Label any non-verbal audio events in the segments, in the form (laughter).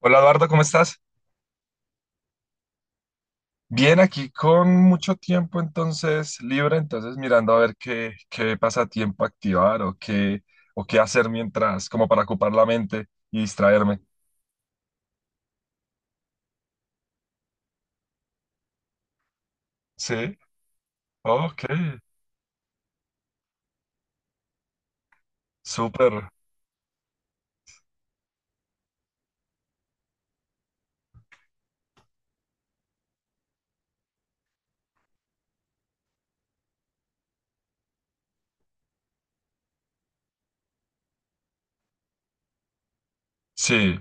Hola Eduardo, ¿cómo estás? Bien, aquí con mucho tiempo entonces libre, entonces mirando a ver qué, qué pasatiempo activar o qué hacer mientras, como para ocupar la mente y distraerme. Sí, ok, súper, sí,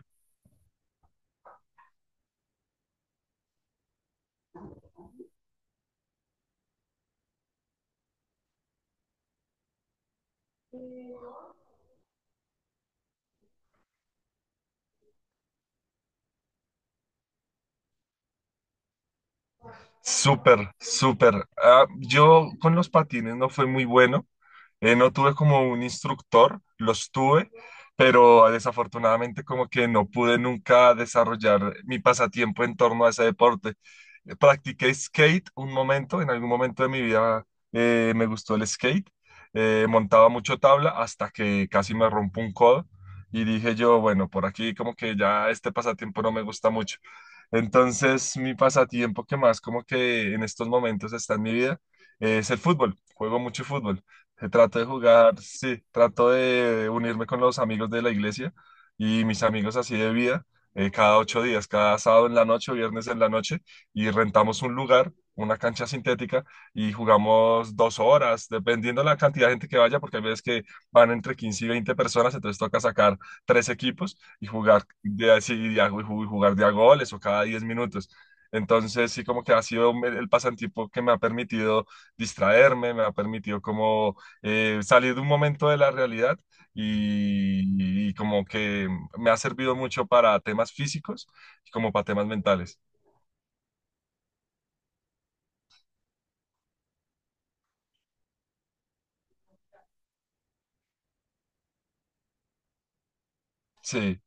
súper, súper. Ah, yo con los patines no fue muy bueno. No tuve como un instructor, los tuve, pero desafortunadamente como que no pude nunca desarrollar mi pasatiempo en torno a ese deporte. Practiqué skate un momento, en algún momento de mi vida, me gustó el skate. Montaba mucho tabla hasta que casi me rompo un codo y dije yo, bueno, por aquí como que ya este pasatiempo no me gusta mucho. Entonces mi pasatiempo que más como que en estos momentos está en mi vida, es el fútbol, juego mucho fútbol. Se trató de jugar, sí, trato de unirme con los amigos de la iglesia y mis amigos así de vida, cada 8 días, cada sábado en la noche o viernes en la noche, y rentamos un lugar, una cancha sintética, y jugamos 2 horas, dependiendo la cantidad de gente que vaya, porque hay veces que van entre 15 y 20 personas, entonces toca sacar 3 equipos y jugar de, así, y jugar de a goles o cada 10 minutos. Entonces, sí, como que ha sido el pasatiempo que me ha permitido distraerme, me ha permitido como, salir de un momento de la realidad y como que me ha servido mucho para temas físicos y como para temas mentales. Sí,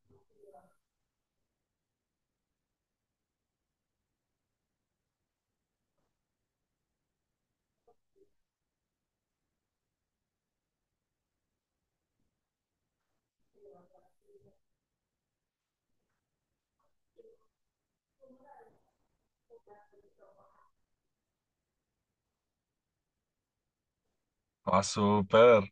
ah, súper,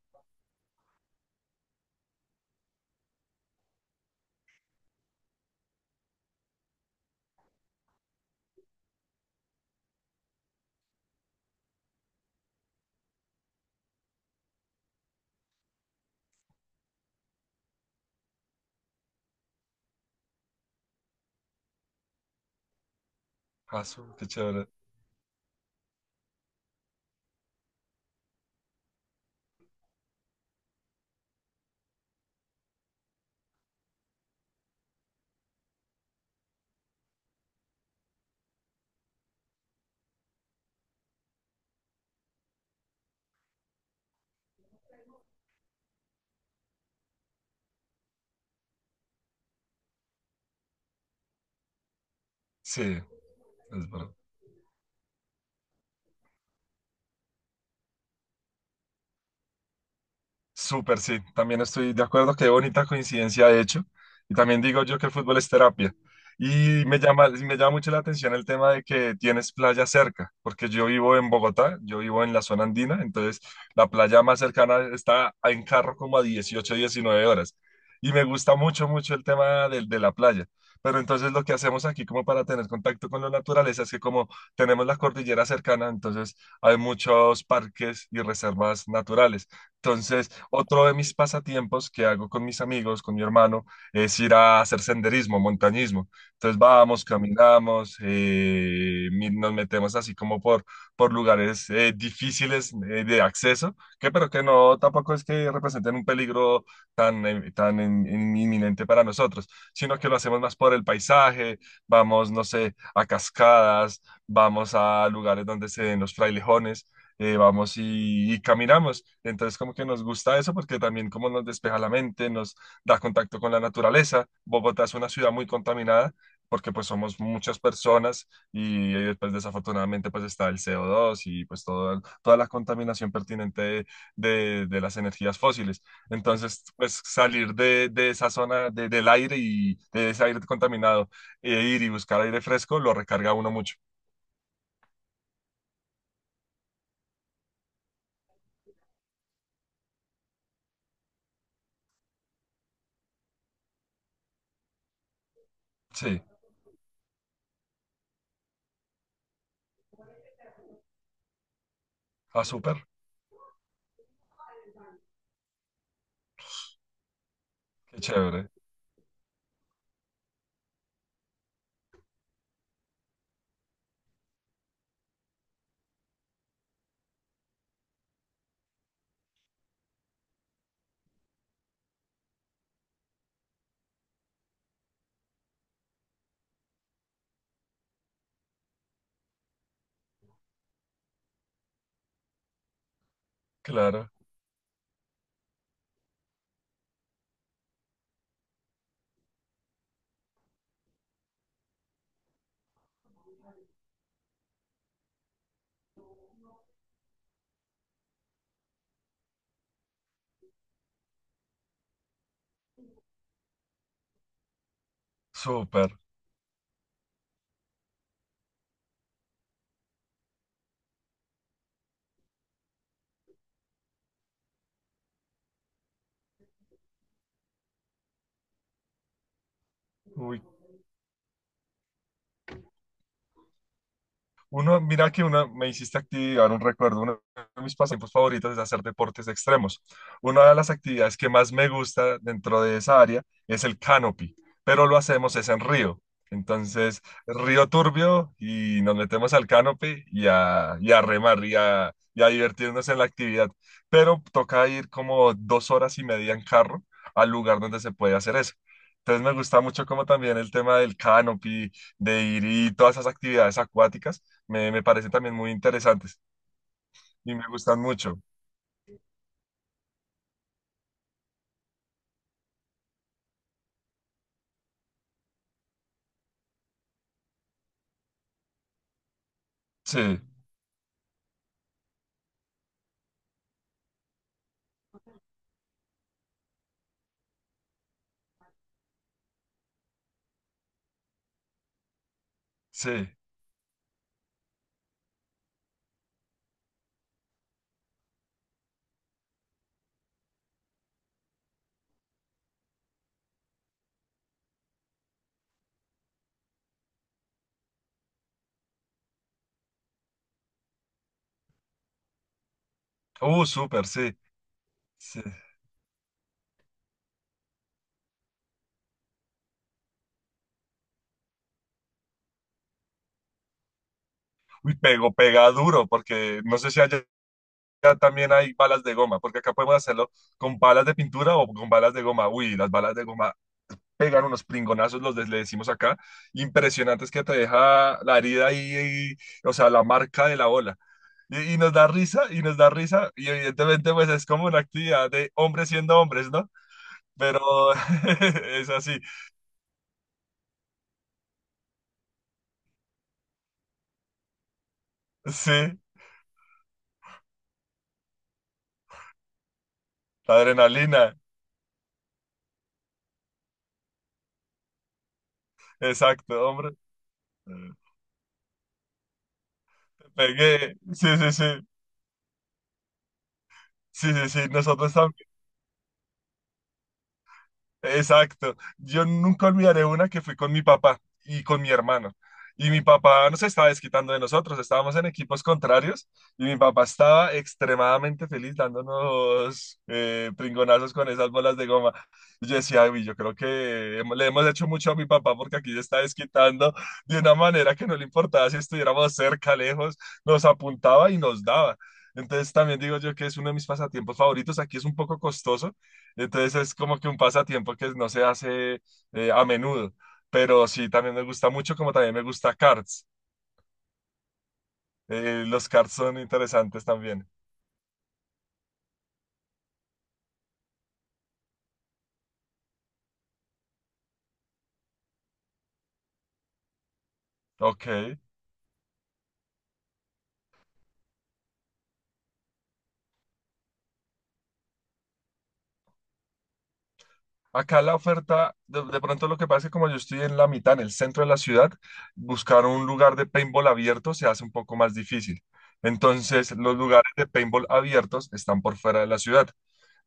qué chévere. Sí, es verdad. Súper, sí, también estoy de acuerdo, qué bonita coincidencia de hecho. Y también digo yo que el fútbol es terapia. Y me llama mucho la atención el tema de que tienes playa cerca, porque yo vivo en Bogotá, yo vivo en la zona andina, entonces la playa más cercana está en carro como a 18, 19 horas. Y me gusta mucho, mucho el tema de la playa. Pero entonces lo que hacemos aquí como para tener contacto con la naturaleza es que como tenemos la cordillera cercana, entonces hay muchos parques y reservas naturales. Entonces, otro de mis pasatiempos que hago con mis amigos, con mi hermano, es ir a hacer senderismo, montañismo. Entonces vamos, caminamos, nos metemos así como por lugares difíciles de acceso, que pero que no tampoco es que representen un peligro tan, tan inminente para nosotros, sino que lo hacemos más por el paisaje, vamos, no sé, a cascadas, vamos a lugares donde se den los frailejones, vamos y caminamos. Entonces como que nos gusta eso porque también como nos despeja la mente, nos da contacto con la naturaleza. Bogotá es una ciudad muy contaminada porque pues somos muchas personas y después desafortunadamente pues está el CO2 y pues toda la contaminación pertinente de, de las energías fósiles. Entonces pues salir de esa zona del aire y de ese aire contaminado e ir y buscar aire fresco lo recarga a uno mucho. Sí, ah, súper, qué chévere, claro. Súper. Uy, uno, mira que uno me hiciste activar un recuerdo. Uno de mis pasatiempos favoritos es hacer deportes extremos. Una de las actividades que más me gusta dentro de esa área es el canopy, pero lo hacemos es en río. Entonces, río turbio y nos metemos al canopy y a remar y a divertirnos en la actividad. Pero toca ir como 2 horas y media en carro al lugar donde se puede hacer eso. Entonces me gusta mucho como también el tema del canopy, de ir, y todas esas actividades acuáticas me, me parecen también muy interesantes y me gustan mucho. Sí, sí. Súper, sí. Sí. Uy, pego, pega duro, porque no sé si allá también hay balas de goma, porque acá podemos hacerlo con balas de pintura o con balas de goma. Uy, las balas de goma pegan unos pringonazos, le decimos acá, impresionantes que te deja la herida ahí, y- o sea, la marca de la bola. Y nos da risa, y nos da risa, y evidentemente pues es como una actividad de hombres siendo hombres, ¿no? Pero (laughs) es así. Sí, la adrenalina, exacto, hombre. Pegué, sí, sí, sí, sí, sí, sí, exacto. Yo nunca olvidaré una que fui con mi papá y con mi hermano. Y mi papá no se estaba desquitando de nosotros, estábamos en equipos contrarios y mi papá estaba extremadamente feliz dándonos, pringonazos con esas bolas de goma. Y yo decía, "Uy, yo creo que le hemos hecho mucho a mi papá porque aquí se está desquitando de una manera que no le importaba si estuviéramos cerca, lejos, nos apuntaba y nos daba". Entonces también digo yo que es uno de mis pasatiempos favoritos. Aquí es un poco costoso, entonces es como que un pasatiempo que no se hace, a menudo, pero sí, también me gusta mucho, como también me gusta cards. Los cards son interesantes también. Ok. Acá la oferta, de pronto lo que pasa es que como yo estoy en la mitad, en el centro de la ciudad, buscar un lugar de paintball abierto se hace un poco más difícil. Entonces, los lugares de paintball abiertos están por fuera de la ciudad.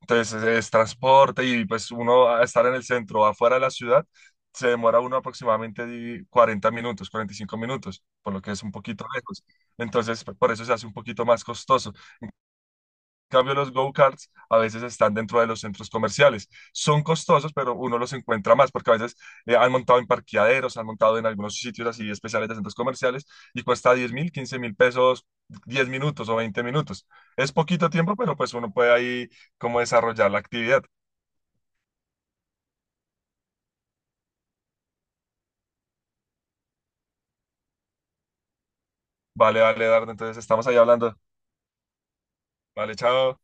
Entonces es transporte y pues uno a estar en el centro, o afuera de la ciudad, se demora uno aproximadamente 40 minutos, 45 minutos, por lo que es un poquito lejos. Entonces por eso se hace un poquito más costoso. En cambio, los go-karts a veces están dentro de los centros comerciales. Son costosos, pero uno los encuentra más porque a veces, han montado en parqueaderos, han montado en algunos sitios así especiales de centros comerciales y cuesta 10.000, 15.000 pesos 10 minutos o 20 minutos. Es poquito tiempo, pero pues uno puede ahí como desarrollar la actividad. Vale, vale, Dardo, entonces estamos ahí hablando. Vale, chao.